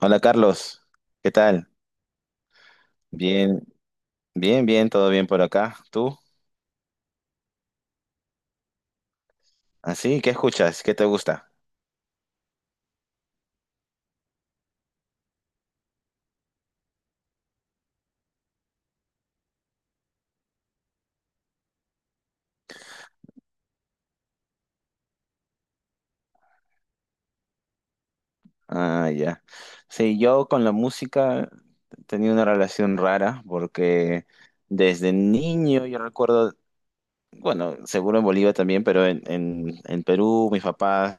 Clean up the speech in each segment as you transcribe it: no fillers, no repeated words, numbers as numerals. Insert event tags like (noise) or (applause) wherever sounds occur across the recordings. Hola Carlos, ¿qué tal? Bien, bien, bien, todo bien por acá. ¿Tú? ¿Así? ¿Qué escuchas? ¿Qué te gusta? Ah, ya. Sí, yo con la música tenía una relación rara porque desde niño yo recuerdo, bueno, seguro en Bolivia también, pero en Perú, mis papás,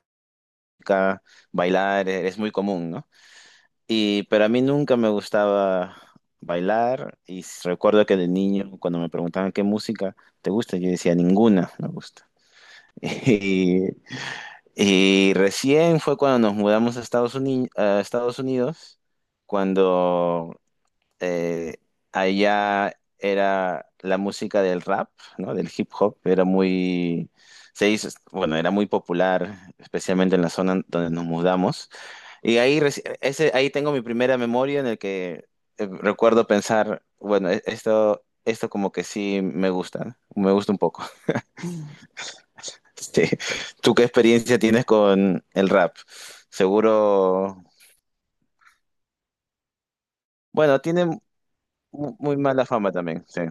acá, bailar es muy común, ¿no? Y, pero a mí nunca me gustaba bailar y recuerdo que de niño cuando me preguntaban qué música te gusta, yo decía ninguna me gusta. (laughs) Y, y recién fue cuando nos mudamos a Estados Unidos, cuando eh, allá era la música del rap, ¿no? Del hip hop, era muy, se hizo, bueno, era muy popular, especialmente en la zona donde nos mudamos. Y ahí, ese, ahí tengo mi primera memoria en el que recuerdo pensar, bueno, esto como que sí me gusta, ¿no? Me gusta un poco. Sí. ¿Tú qué experiencia tienes con el rap? Seguro, bueno, tiene muy mala fama también, sí.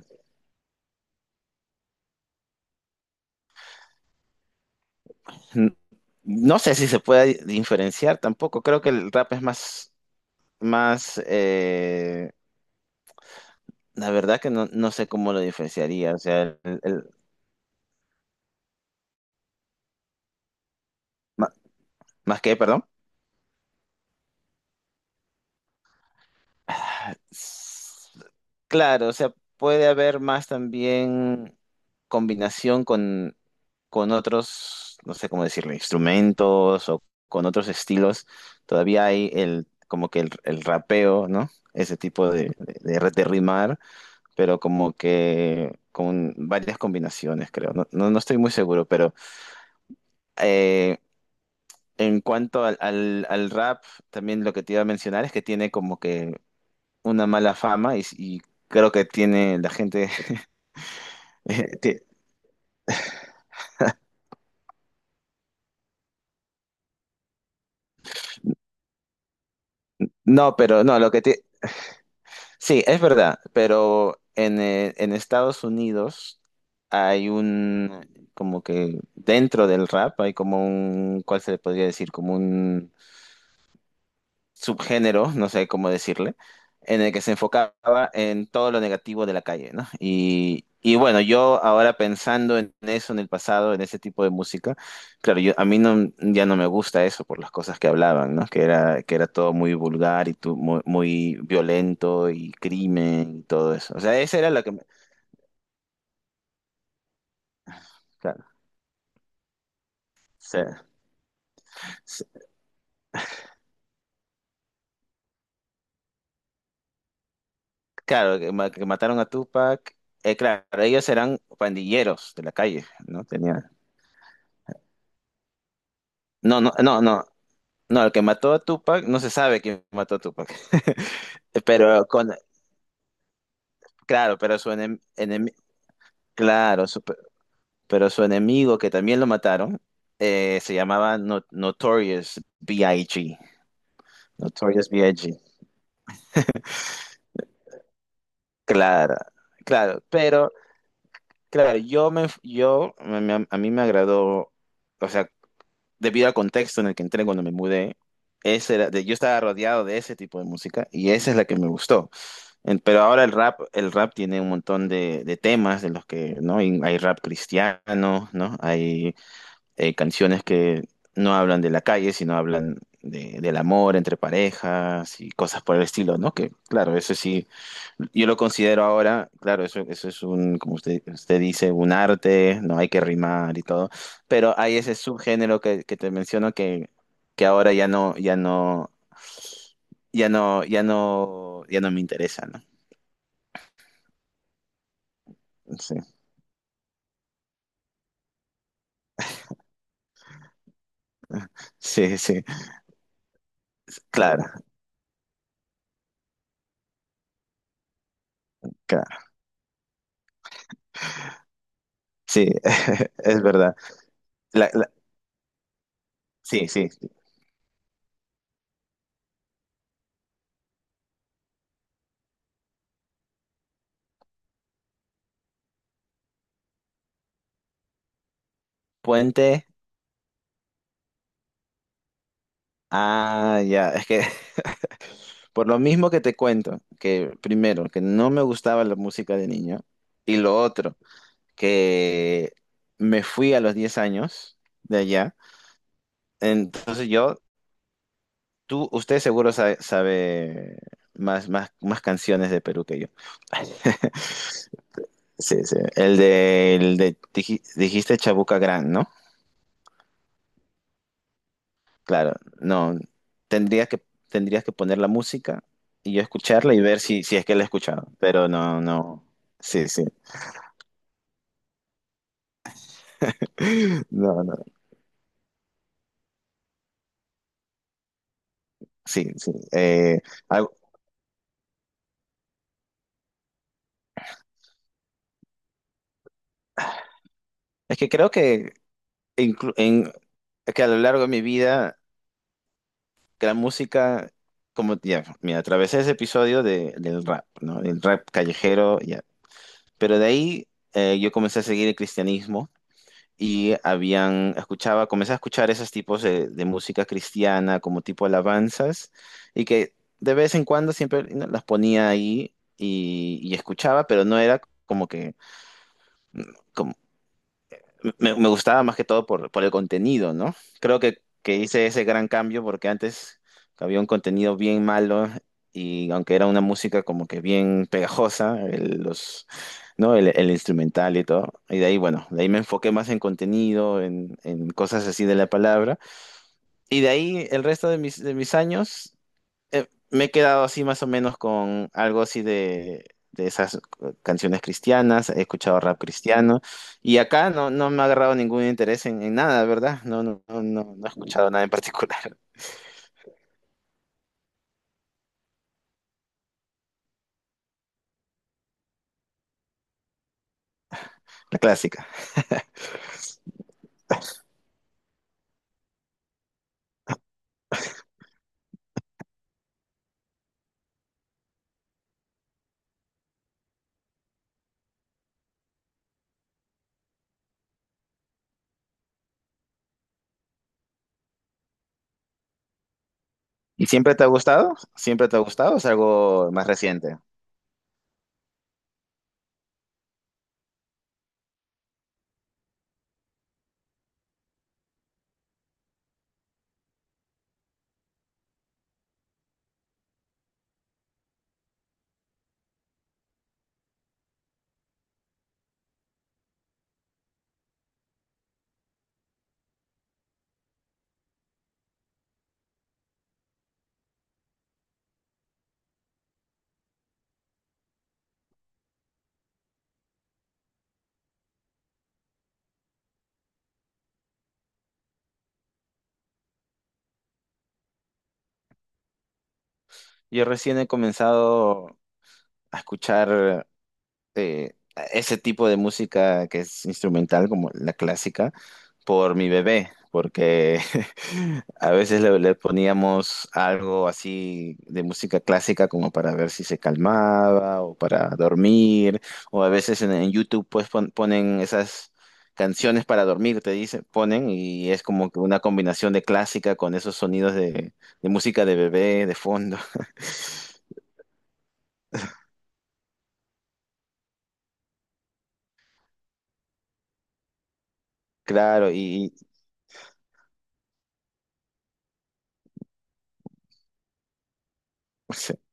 N- No sé si se puede diferenciar tampoco. Creo que el rap es más, la verdad que no sé cómo lo diferenciaría. O sea, ma- más que, perdón. S- Claro, o sea, puede haber más también combinación con otros, no sé cómo decirlo, instrumentos o con otros estilos. Todavía hay el, como que el rapeo, ¿no? Ese tipo de rimar, pero como que con varias combinaciones, creo. No, no, no estoy muy seguro, pero eh, en cuanto al rap, también lo que te iba a mencionar es que tiene como que una mala fama y creo que tiene la gente. (laughs) te- no, pero no, lo que te. Sí, es verdad, pero en Estados Unidos hay un, como que dentro del rap hay como un. ¿Cuál se le podría decir? Como un subgénero, no sé cómo decirle, en el que se enfocaba en todo lo negativo de la calle, ¿no? Y bueno, yo ahora pensando en eso, en el pasado, en ese tipo de música, claro, yo, a mí no, ya no me gusta eso por las cosas que hablaban, ¿no? Que era todo muy vulgar y muy, muy violento y crimen y todo eso. O sea, esa era la que. Claro, sí. Sí. Claro, que mataron a Tupac. Claro, ellos eran pandilleros de la calle, ¿no? Tenía. No, no, no, no. No, el que mató a Tupac, no se sabe quién mató a Tupac. (laughs) Pero con, claro, claro, su- pero su enemigo que también lo mataron, se llamaba Notorious B.I.G. Notorious B.I.G. Claro, claro, pero claro, a mí me agradó, o sea, debido al contexto en el que entré cuando me mudé, yo estaba rodeado de ese tipo de música y esa es la que me gustó. Pero ahora el rap tiene un montón de temas en los que, ¿no? Y hay rap cristiano, ¿no? Hay canciones que no hablan de la calle, sino hablan del amor entre parejas y cosas por el estilo, ¿no? Que, claro, eso sí, yo lo considero ahora, claro, eso es un, como usted dice, un arte, no hay que rimar y todo, pero hay ese subgénero que te menciono que ahora ya no, ya no, ya no me interesa, ¿no? Sí. Sí, sí, claro, claro. Sí, (laughs) es verdad. La- la- sí, sí. Puente. Ah, ya. Es que (laughs) por lo mismo que te cuento, que primero, que no me gustaba la música de niño, y lo otro, que me fui a los 10 años de allá. Entonces yo, tú, usted seguro sabe, más canciones de Perú que yo. (laughs) Sí, sí. El de dijiste Chabuca Gran, ¿no? Claro, no, tendrías que, tendrías que poner la música y yo escucharla y ver si, si es que la he escuchado, pero no, no, sí, sí, (laughs) no, no, sí, sí. Algo- es que creo que, inclu- en, que a lo largo de mi vida, que la música, como, ya, mira, atravesé ese episodio de, del rap, ¿no? El rap callejero, ya, pero de ahí yo comencé a seguir el cristianismo. Y habían, escuchaba, comencé a escuchar esos tipos de música cristiana como tipo alabanzas y que de vez en cuando siempre ¿no? las ponía ahí y escuchaba, pero no era como que como- me gustaba más que todo por el contenido, ¿no? Creo que hice ese gran cambio porque antes había un contenido bien malo y aunque era una música como que bien pegajosa, el- los ¿no? El instrumental y todo. Y de ahí, bueno, de ahí me enfoqué más en contenido, en cosas así de la palabra. Y de ahí el resto de mis años me he quedado así más o menos con algo así de esas canciones cristianas, he escuchado rap cristiano. Y acá no me ha agarrado ningún interés en nada, ¿verdad? No, no, no, no, no he escuchado nada en particular. (laughs) La clásica. ¿Y siempre te ha gustado? ¿Siempre te ha gustado? ¿O es algo más reciente? Yo recién he comenzado a escuchar. eh, ese tipo de música que es instrumental, como la clásica, por mi bebé, porque (laughs) a veces le poníamos algo así de música clásica como para ver si se calmaba o para dormir, o a veces en YouTube pues ponen esas canciones para dormir, te dicen, ponen y es como que una combinación de clásica con esos sonidos de música de bebé de fondo. (laughs) Claro, y. (laughs)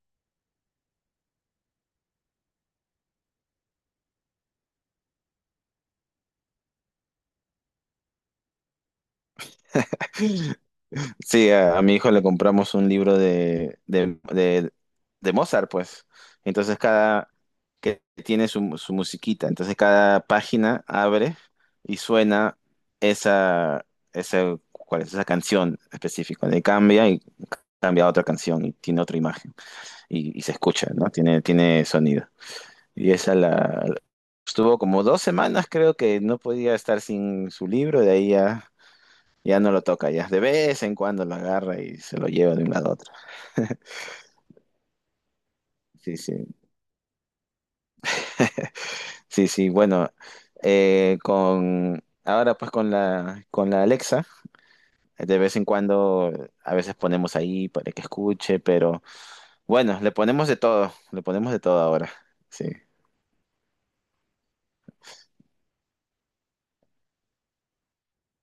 Sí, a mi hijo le compramos un libro de Mozart, pues. Entonces cada, que tiene su musiquita, entonces cada página abre y suena esa, esa, ¿cuál es? Esa canción específica. Le cambia y cambia a otra canción y tiene otra imagen y se escucha, ¿no? Tiene sonido. Y esa la, estuvo como 2 semanas creo que no podía estar sin su libro, de ahí ya. Ya no lo toca, ya. De vez en cuando lo agarra y se lo lleva de un lado a otro. (laughs) Sí, sí. Sí, sí. Bueno, con ahora pues con la Alexa, de vez en cuando a veces ponemos ahí para que escuche, pero bueno, le ponemos de todo, le ponemos de todo ahora. Sí.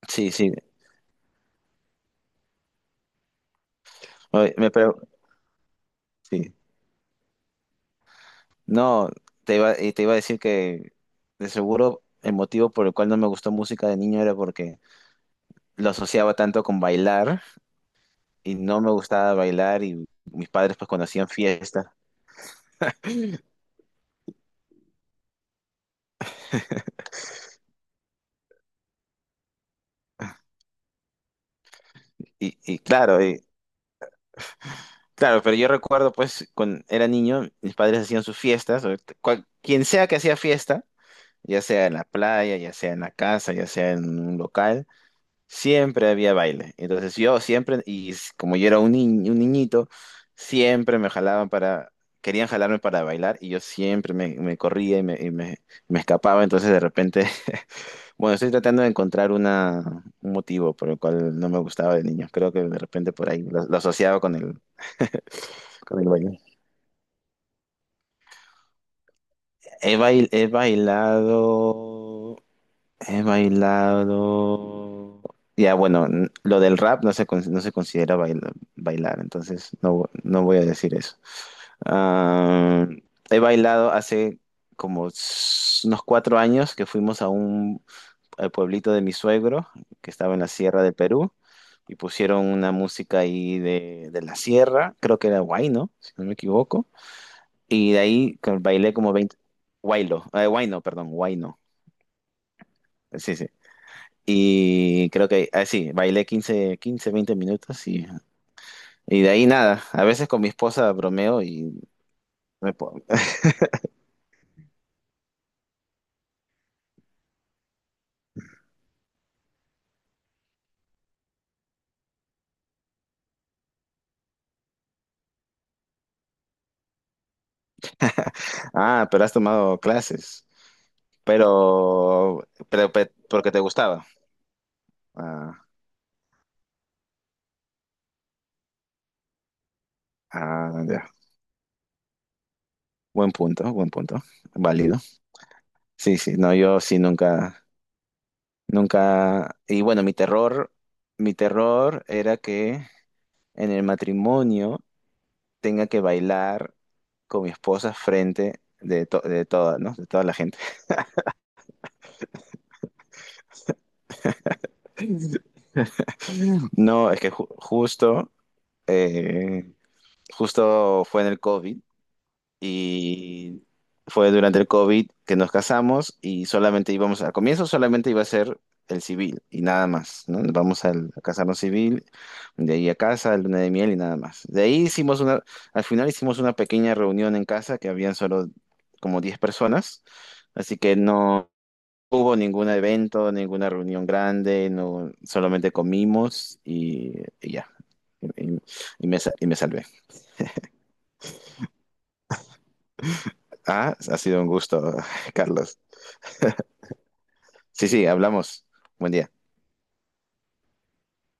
Sí, sí. Oye, sí. No, te iba a decir que de seguro el motivo por el cual no me gustó música de niño era porque lo asociaba tanto con bailar y no me gustaba bailar y mis padres pues cuando hacían fiesta y claro, pero yo recuerdo pues cuando era niño mis padres hacían sus fiestas, o quien sea que hacía fiesta, ya sea en la playa, ya sea en la casa, ya sea en un local, siempre había baile. Entonces yo siempre, como yo era un, ni- un niñito, siempre me jalaban para. Querían jalarme para bailar y yo siempre me corría y me escapaba, entonces de repente. Bueno, estoy tratando de encontrar un motivo por el cual no me gustaba de niño. Creo que de repente por ahí lo asociaba con el baile. He bailado. He bailado. Ya, bueno, lo del rap no se considera bailar, entonces no voy a decir eso. Ah, he bailado hace como unos 4 años que fuimos a un al pueblito de mi suegro, que estaba en la sierra de Perú. Y pusieron una música ahí de la sierra, creo que era Huayno, si no me equivoco, y de ahí que bailé como 20 Huaylo, Huayno, perdón, Huayno, sí, sí, y creo que, ah, sí, bailé 15 15 20 minutos y de ahí nada, a veces con mi esposa bromeo y me po- (laughs) ah, pero has tomado clases, porque te gustaba, ah, ah, ya. Buen punto, válido. Sí, sí, no, yo sí nunca, nunca, y bueno, mi terror era que en el matrimonio tenga que bailar con mi esposa frente de toda, ¿no? De toda la gente. (laughs) No, es que eh, justo fue en el COVID y fue durante el COVID que nos casamos y solamente íbamos, al comienzo solamente iba a ser el civil y nada más, ¿no? Nos vamos a casarnos civil, de ahí a casa, luna de miel y nada más. De ahí al final hicimos una pequeña reunión en casa que habían solo como 10 personas, así que no hubo ningún evento, ninguna reunión grande, no, solamente comimos y ya. Y, y- y me salvé. Ah, ha sido un gusto, (laughs) Carlos. Sí, sí, hablamos. Buen día.